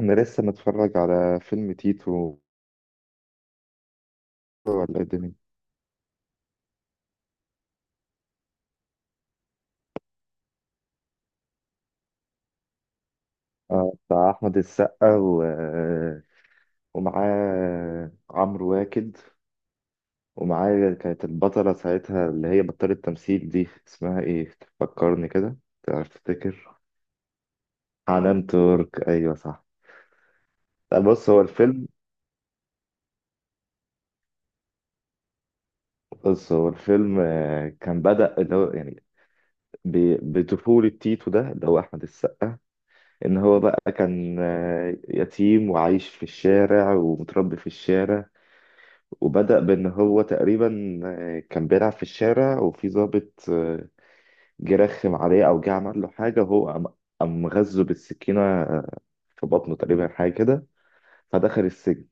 انا لسه متفرج على فيلم تيتو، ولا إيه الدنيا؟ آه، بتاع احمد السقا، ومعاه عمرو واكد. ومعاه كانت البطلة ساعتها، اللي هي بطلة تمثيل دي، اسمها ايه؟ تفكرني كده؟ تعرف تفتكر؟ حنان ترك، ايوه صح. لا، بص هو الفيلم، كان بدأ اللي هو يعني بطفولة تيتو ده اللي هو أحمد السقا. إن هو بقى كان يتيم وعايش في الشارع ومتربي في الشارع. وبدأ بإن هو تقريبا كان بيلعب في الشارع، وفي ضابط جه رخم عليه، أو جه عمل له حاجة، وهو قام غزه بالسكينة، في بطنه تقريبا، حاجة كده. فدخل السجن.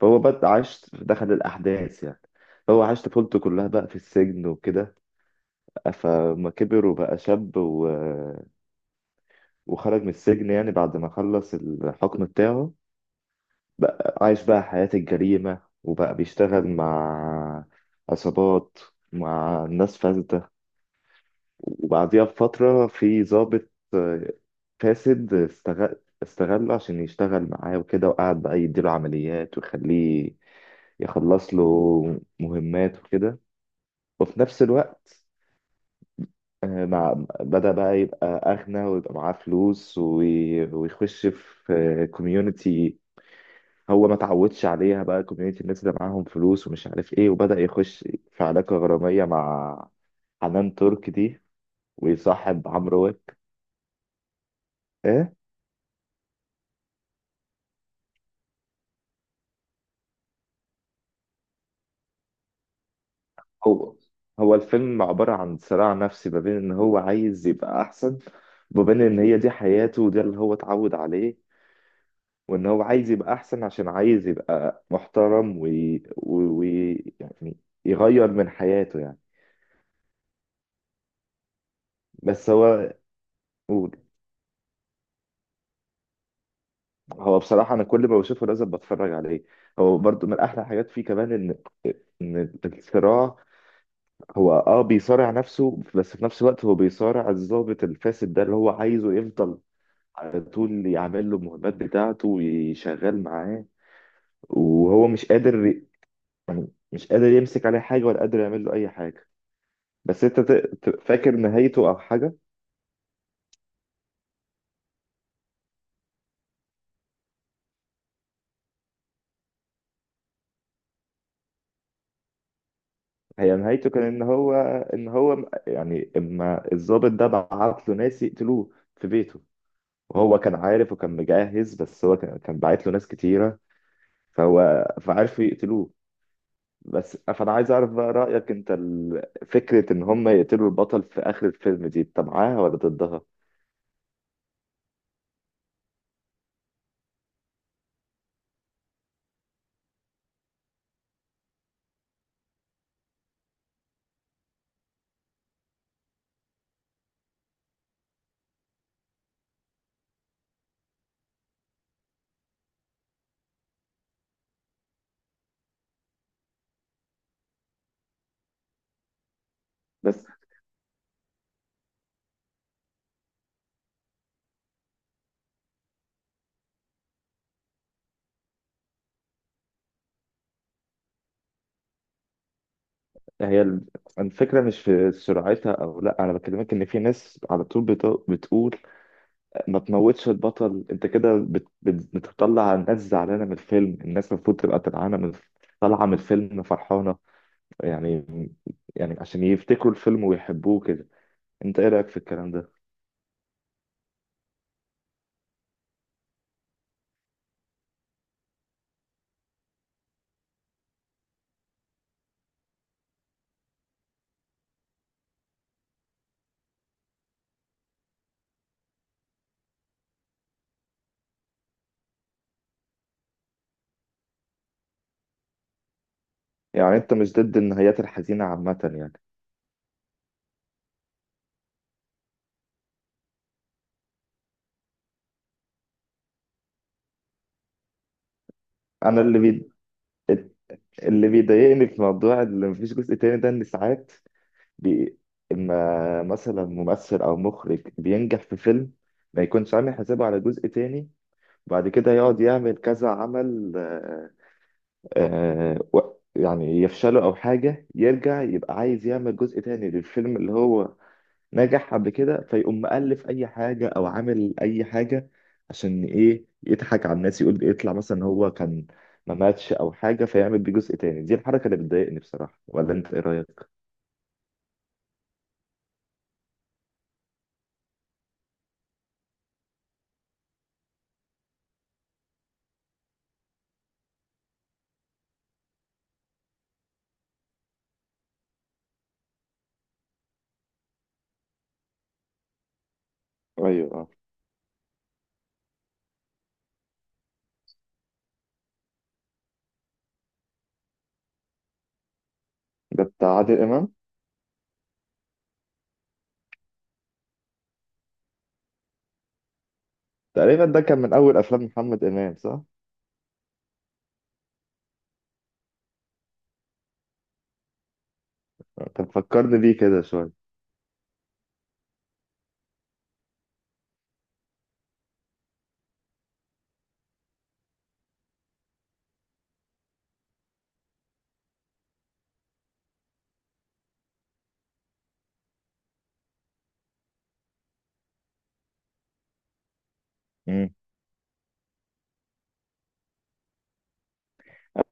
فهو بدأ عاش دخل الأحداث يعني. هو عاش طفولته كلها بقى في السجن وكده. فما كبر وبقى شاب وخرج من السجن يعني بعد ما خلص الحكم بتاعه. بقى عايش بقى حياة الجريمة، وبقى بيشتغل مع عصابات، مع ناس فاسدة. وبعديها بفترة في ضابط فاسد، استغله عشان يشتغل معاه وكده، وقعد بقى يديله عمليات ويخليه يخلص له مهمات وكده. وفي نفس الوقت، آه، مع بدأ بقى يبقى أغنى، ويبقى معاه فلوس، ويخش في كوميونتي هو ما اتعودش عليها، بقى كوميونتي الناس اللي معاهم فلوس ومش عارف ايه، وبدأ يخش في علاقة غرامية مع حنان ترك دي، ويصاحب عمرو واك. ايه؟ هو هو الفيلم عبارة عن صراع نفسي، ما بين ان هو عايز يبقى احسن، وما بين ان هي دي حياته وده اللي هو اتعود عليه، وان هو عايز يبقى احسن عشان عايز يبقى محترم، يعني يغير من حياته يعني. بس هو قول. هو بصراحة أنا كل ما بشوفه لازم بتفرج عليه. هو برضو من أحلى الحاجات فيه كمان إن الصراع، هو بيصارع نفسه، بس في نفس الوقت هو بيصارع الضابط الفاسد ده اللي هو عايزه يفضل على طول يعمل له المهمات بتاعته ويشغل معاه، وهو مش قادر يعني مش قادر يمسك عليه حاجة ولا قادر يعمل له أي حاجة. بس أنت فاكر نهايته أو حاجة؟ هي نهايته كان إن هو يعني إما الضابط ده بعت له ناس يقتلوه في بيته، وهو كان عارف وكان مجهز، بس هو كان باعت له ناس كتيرة، فعرفوا يقتلوه. بس فأنا عايز أعرف بقى رأيك أنت، فكرة إن هم يقتلوا البطل في آخر الفيلم دي أنت معاها ولا ضدها؟ بس هي الفكرة مش في سرعتها أو لأ. أنا بكلمك إن في ناس على طول بتقول ما تموتش البطل. أنت كده بتطلع الناس زعلانة من الفيلم، الناس المفروض تبقى طالعانة من طالعة من الفيلم فرحانة يعني يعني عشان يفتكروا الفيلم ويحبوه كده. انت ايه رايك في الكلام ده؟ يعني انت مش ضد النهايات الحزينه عامه يعني؟ انا اللي بيضايقني في موضوع اللي مفيش جزء تاني ده، ان ساعات بي... اما مثلا ممثل او مخرج بينجح في فيلم، ما يكونش عامل حسابه على جزء تاني. بعد كده يقعد يعمل كذا عمل، آه... و... يعني يفشله او حاجه يرجع يبقى عايز يعمل جزء تاني للفيلم اللي هو نجح قبل كده، فيقوم مألف أي حاجة أو عامل أي حاجة عشان إيه؟ يضحك على الناس، يقول يطلع مثلا إن هو كان ما ماتش أو حاجة فيعمل بيه جزء تاني. دي الحركة اللي بتضايقني بصراحة، ولا أنت إيه رأيك؟ ايوه، اه. ده بتاع عادل امام. تقريبا ده كان من أول أفلام محمد إمام صح؟ كان فكرني بيه كده شوية. امم.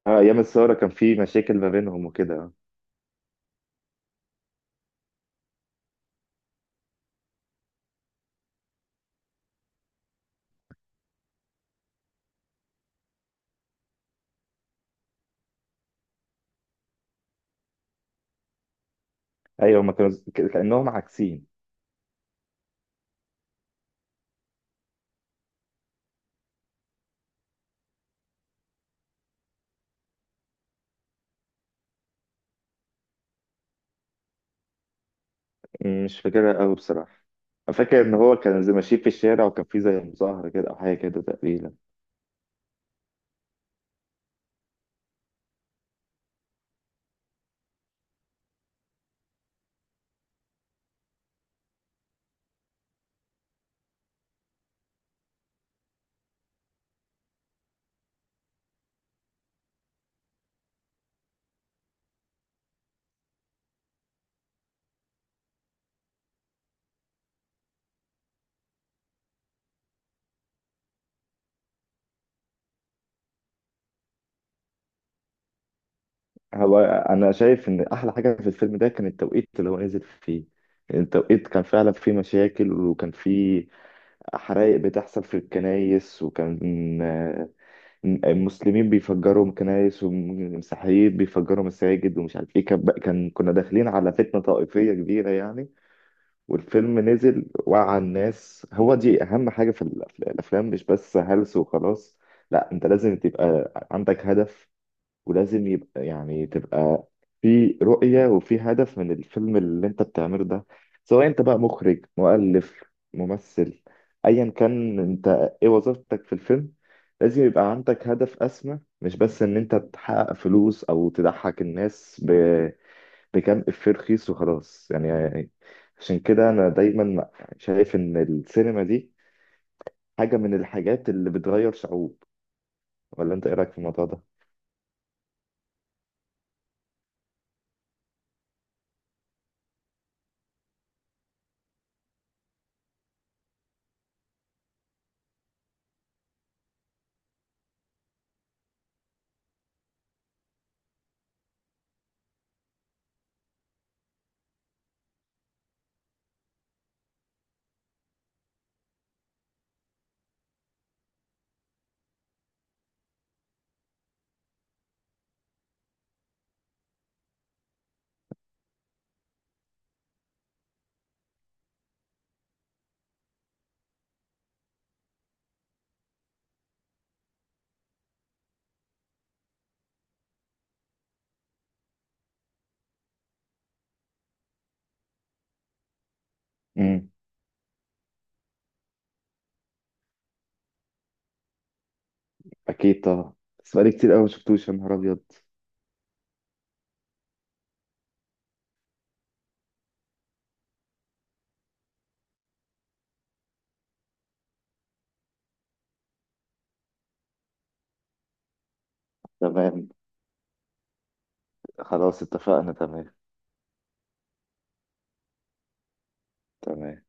آه، أيام الثورة كان في مشاكل ما بينهم وكده. أيوة، هما كانوا كأنهم عاكسين. مش فاكرها أوي بصراحة. أنا فاكر إن هو كان زي ماشيين في الشارع، وكان في زي مظاهرة كده أو حاجة كده تقريبا. هو انا شايف ان احلى حاجه في الفيلم ده كان التوقيت اللي هو نزل فيه. يعني التوقيت كان فعلا فيه مشاكل، وكان فيه حرائق بتحصل في الكنايس، وكان المسلمين بيفجروا كنايس والمسيحيين بيفجروا مساجد ومش عارف ايه، كان كنا داخلين على فتنه طائفيه كبيره يعني. والفيلم نزل وعى الناس. هو دي اهم حاجه في الافلام، مش بس هلس وخلاص. لا، انت لازم تبقى عندك هدف، ولازم يبقى يعني تبقى في رؤية وفي هدف من الفيلم اللي انت بتعمله ده. سواء انت بقى مخرج، مؤلف، ممثل، ايا كان انت ايه وظيفتك في الفيلم، لازم يبقى عندك هدف اسمى، مش بس ان انت تحقق فلوس او تضحك الناس بكام افيه رخيص وخلاص يعني. عشان كده انا دايما شايف ان السينما دي حاجة من الحاجات اللي بتغير شعوب. ولا انت ايه رأيك في الموضوع ده؟ اكيد طبعا. بس بقالي كتير قوي ما شفتوش، يا نهار ابيض. تمام. خلاص اتفقنا، تمام. تمام.